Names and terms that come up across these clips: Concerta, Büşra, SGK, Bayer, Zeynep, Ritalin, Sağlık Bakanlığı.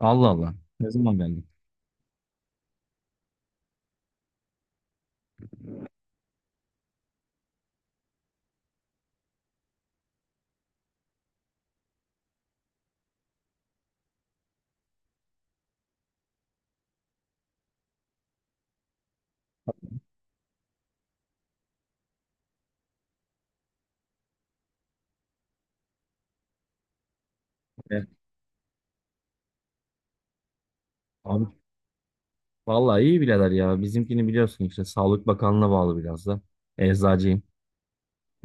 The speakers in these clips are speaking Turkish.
Allah Allah. Ne zaman geldin? E, Abi vallahi iyi birader ya. Bizimkini biliyorsun işte Sağlık Bakanlığı'na bağlı biraz da. Eczacıyım.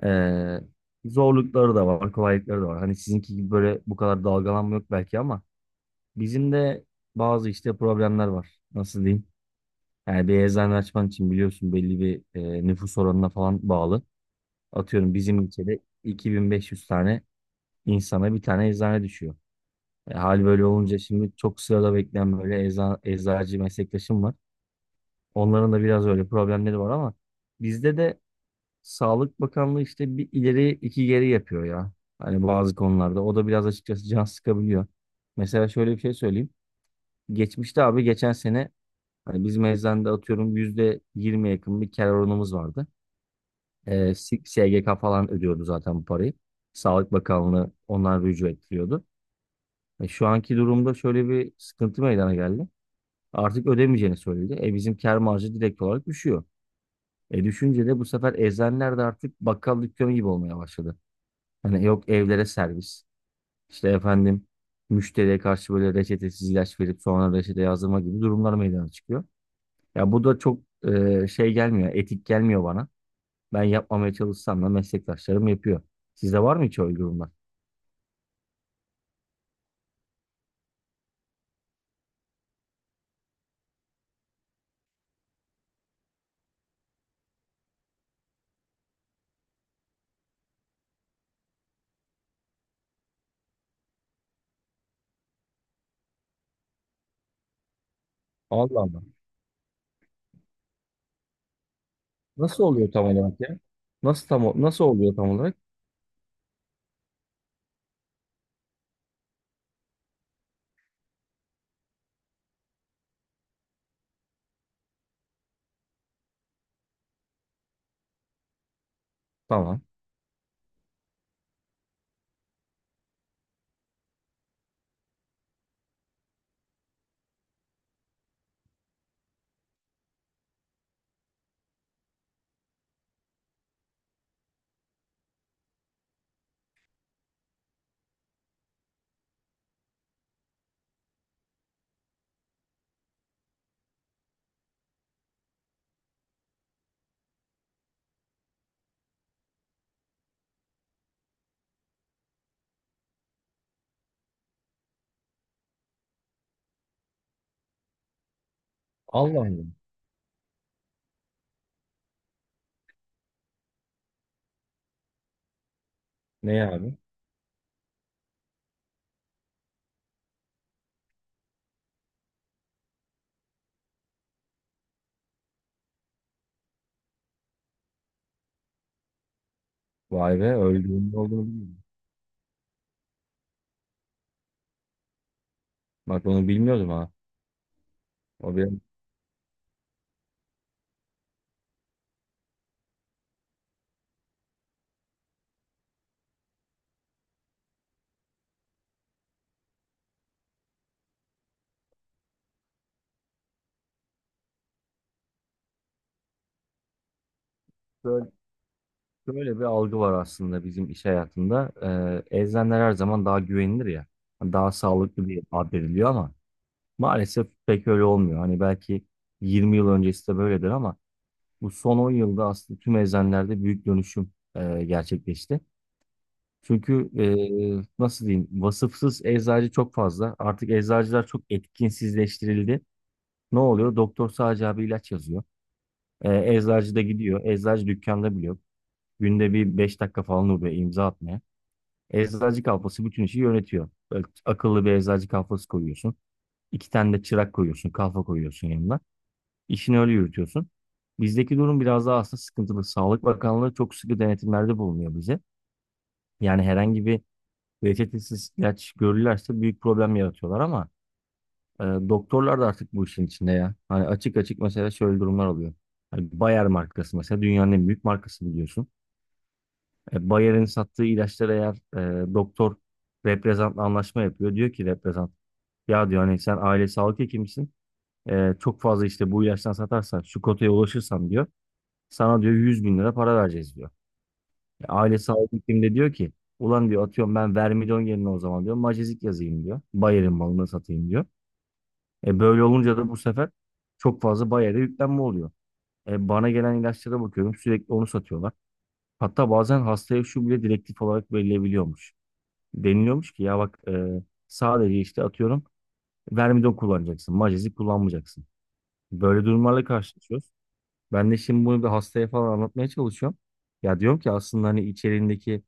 Ee, zorlukları da var, kolaylıkları da var. Hani sizinki gibi böyle bu kadar dalgalanma yok belki ama bizim de bazı işte problemler var. Nasıl diyeyim? Yani bir eczane açman için biliyorsun belli bir nüfus oranına falan bağlı. Atıyorum bizim ilçede 2500 tane insana bir tane eczane düşüyor. Hal böyle olunca şimdi çok sırada bekleyen böyle eczacı meslektaşım var. Onların da biraz öyle problemleri var ama bizde de Sağlık Bakanlığı işte bir ileri iki geri yapıyor ya. Hani bazı konularda. O da biraz açıkçası can sıkabiliyor. Mesela şöyle bir şey söyleyeyim. Geçmişte abi, geçen sene hani biz eczanede atıyorum %20 yakın bir kar oranımız vardı. SGK falan ödüyordu zaten bu parayı. Sağlık Bakanlığı ondan rücu ettiriyordu. Şu anki durumda şöyle bir sıkıntı meydana geldi. Artık ödemeyeceğini söyledi. Bizim kar marjı direkt olarak düşüyor. Düşünce de bu sefer eczaneler de artık bakkal dükkanı gibi olmaya başladı. Hani, yok evlere servis, işte efendim, müşteriye karşı böyle reçetesiz ilaç verip sonra reçete yazdırma gibi durumlar meydana çıkıyor. Ya bu da çok şey gelmiyor, etik gelmiyor bana. Ben yapmamaya çalışsam da meslektaşlarım yapıyor. Sizde var mı hiç öyle durumlar? Allah Allah. Nasıl oluyor tam olarak ya? Nasıl oluyor tam olarak? Tamam. Allah Allah. Ne ya abi? Vay be, öyle durumda olduğunu bilmiyorum. Bak onu bilmiyordum ha. O benim Böyle bir algı var aslında bizim iş hayatında. Eczaneler her zaman daha güvenilir ya. Hani daha sağlıklı bir ad veriliyor ama maalesef pek öyle olmuyor. Hani belki 20 yıl öncesi de böyledir ama bu son 10 yılda aslında tüm eczanelerde büyük dönüşüm gerçekleşti. Çünkü nasıl diyeyim, vasıfsız eczacı çok fazla. Artık eczacılar çok etkinsizleştirildi. Ne oluyor? Doktor sadece abi ilaç yazıyor. Eczacı da gidiyor. Eczacı dükkanda bile yok. Günde bir 5 dakika falan oluyor imza atmaya. Eczacı kafası bütün işi yönetiyor. Böyle akıllı bir eczacı kafası koyuyorsun. İki tane de çırak koyuyorsun, kafa koyuyorsun yanına. İşini öyle yürütüyorsun. Bizdeki durum biraz daha aslında sıkıntılı. Sağlık Bakanlığı çok sıkı denetimlerde bulunuyor bize. Yani herhangi bir reçetesiz ilaç görürlerse büyük problem yaratıyorlar ama doktorlar da artık bu işin içinde ya. Hani açık açık mesela şöyle durumlar oluyor. Hani Bayer markası mesela dünyanın en büyük markası, biliyorsun. Bayer'in sattığı ilaçlar eğer, doktor reprezentla anlaşma yapıyor. Diyor ki reprezent, ya diyor, hani sen aile sağlık hekimisin. Çok fazla işte bu ilaçtan satarsan, şu kotaya ulaşırsan diyor. Sana diyor 100 bin lira para vereceğiz diyor. Aile sağlık hekim de diyor ki ulan diyor, atıyorum, ben vermidon yerine o zaman diyor macezik yazayım diyor. Bayer'in malını satayım diyor. Böyle olunca da bu sefer çok fazla Bayer'e yüklenme oluyor. Bana gelen ilaçlara bakıyorum, sürekli onu satıyorlar. Hatta bazen hastaya şu bile direktif olarak verilebiliyormuş. Deniliyormuş ki ya bak, sadece işte atıyorum vermidon kullanacaksın, macezik kullanmayacaksın. Böyle durumlarla karşılaşıyoruz. Ben de şimdi bunu bir hastaya falan anlatmaya çalışıyorum. Ya diyorum ki aslında hani içeriğindeki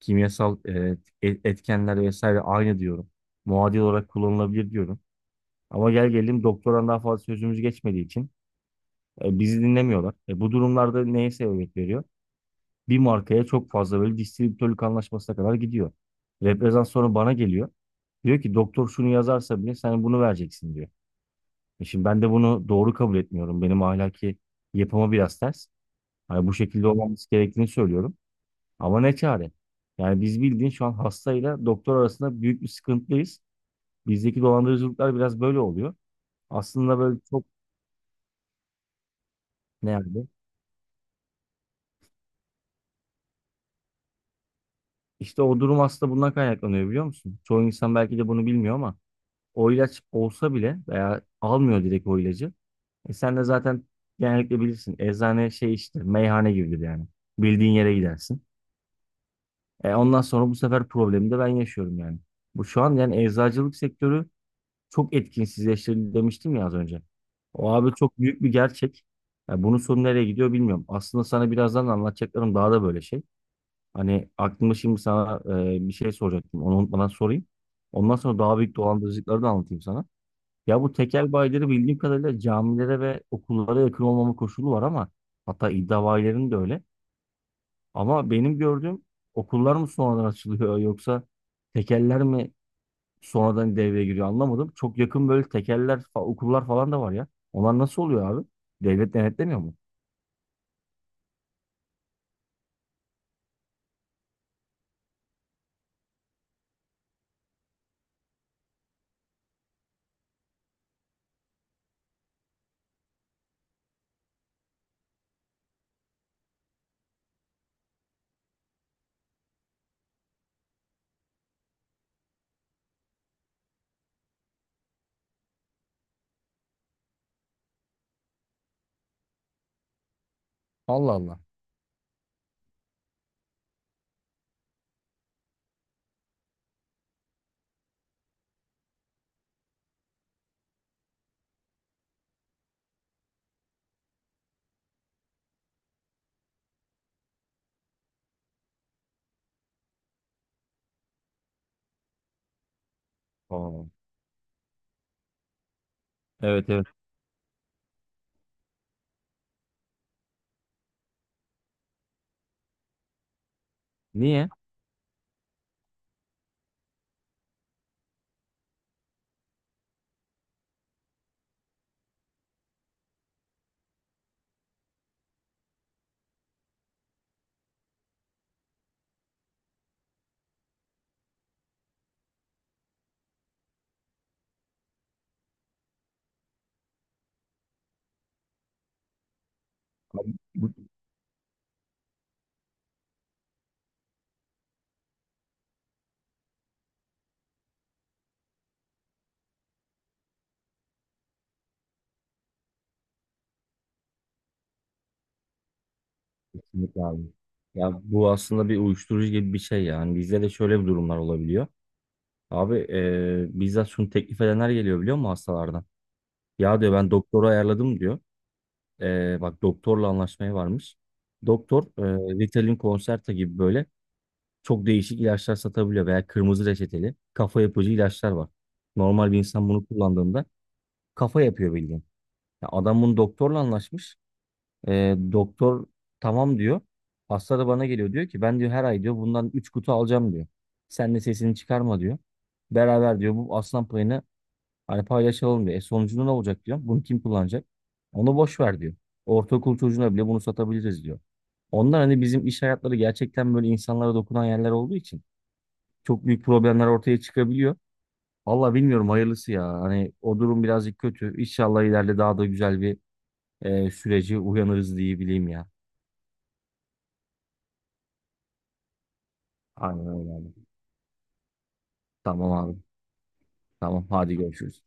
kimyasal etkenler vesaire aynı diyorum. Muadil olarak kullanılabilir diyorum. Ama gel gelelim, doktoran daha fazla sözümüz geçmediği için bizi dinlemiyorlar. Bu durumlarda neye sebebiyet veriyor? Bir markaya çok fazla böyle distribütörlük anlaşmasına kadar gidiyor. Reprezent sonra bana geliyor. Diyor ki doktor şunu yazarsa bile sen bunu vereceksin diyor. Şimdi ben de bunu doğru kabul etmiyorum. Benim ahlaki yapıma biraz ters. Hani bu şekilde olmaması gerektiğini söylüyorum. Ama ne çare? Yani biz, bildiğin, şu an hastayla doktor arasında büyük bir sıkıntıdayız. Bizdeki dolandırıcılıklar biraz böyle oluyor. Aslında böyle çok, nerede? İşte o durum aslında bundan kaynaklanıyor, biliyor musun? Çoğu insan belki de bunu bilmiyor ama o ilaç olsa bile veya almıyor direkt o ilacı. Sen de zaten genellikle bilirsin. Eczane, şey, işte, meyhane gibidir yani. Bildiğin yere gidersin. Ondan sonra bu sefer problemi de ben yaşıyorum yani. Bu şu an yani eczacılık sektörü çok etkinsizleştirildi demiştim ya az önce. O abi çok büyük bir gerçek. Ya bunun sonu nereye gidiyor bilmiyorum. Aslında sana birazdan anlatacaklarım daha da böyle şey. Hani aklımda şimdi sana bir şey soracaktım. Onu unutmadan sorayım. Ondan sonra daha büyük dolandırıcılıkları da anlatayım sana. Ya bu tekel bayileri bildiğim kadarıyla camilere ve okullara yakın olmama koşulu var ama, hatta iddia bayilerinin de öyle. Ama benim gördüğüm, okullar mı sonradan açılıyor yoksa tekeller mi sonradan devreye giriyor anlamadım. Çok yakın böyle tekeller, okullar falan da var ya. Onlar nasıl oluyor abi? Devlet denetlemiyor mu? Allah Allah. Aa, evet, evet. Niye? Bu- Kesinlikle abi. Ya bu aslında bir uyuşturucu gibi bir şey yani. Bizde de şöyle bir durumlar olabiliyor. Abi, bizzat şunu teklif edenler geliyor, biliyor musun, hastalardan? Ya diyor, ben doktoru ayarladım diyor. Bak, doktorla anlaşmaya varmış. Doktor, Ritalin Concerta gibi böyle çok değişik ilaçlar satabiliyor veya kırmızı reçeteli kafa yapıcı ilaçlar var. Normal bir insan bunu kullandığında kafa yapıyor, bildiğin. Ya adam bunu doktorla anlaşmış. Doktor tamam diyor. Hasta da bana geliyor, diyor ki ben diyor her ay diyor bundan 3 kutu alacağım diyor. Sen de sesini çıkarma diyor. Beraber diyor bu aslan payını hani paylaşalım diyor. Sonucunda ne olacak diyor. Bunu kim kullanacak? Onu boş ver diyor. Ortaokul çocuğuna bile bunu satabiliriz diyor. Ondan hani bizim iş hayatları gerçekten böyle insanlara dokunan yerler olduğu için çok büyük problemler ortaya çıkabiliyor. Valla bilmiyorum, hayırlısı ya. Hani o durum birazcık kötü. İnşallah ileride daha da güzel bir sürece uyanırız diye bileyim ya. Aynen öyle abi. Tamam abi. Tamam, hadi görüşürüz.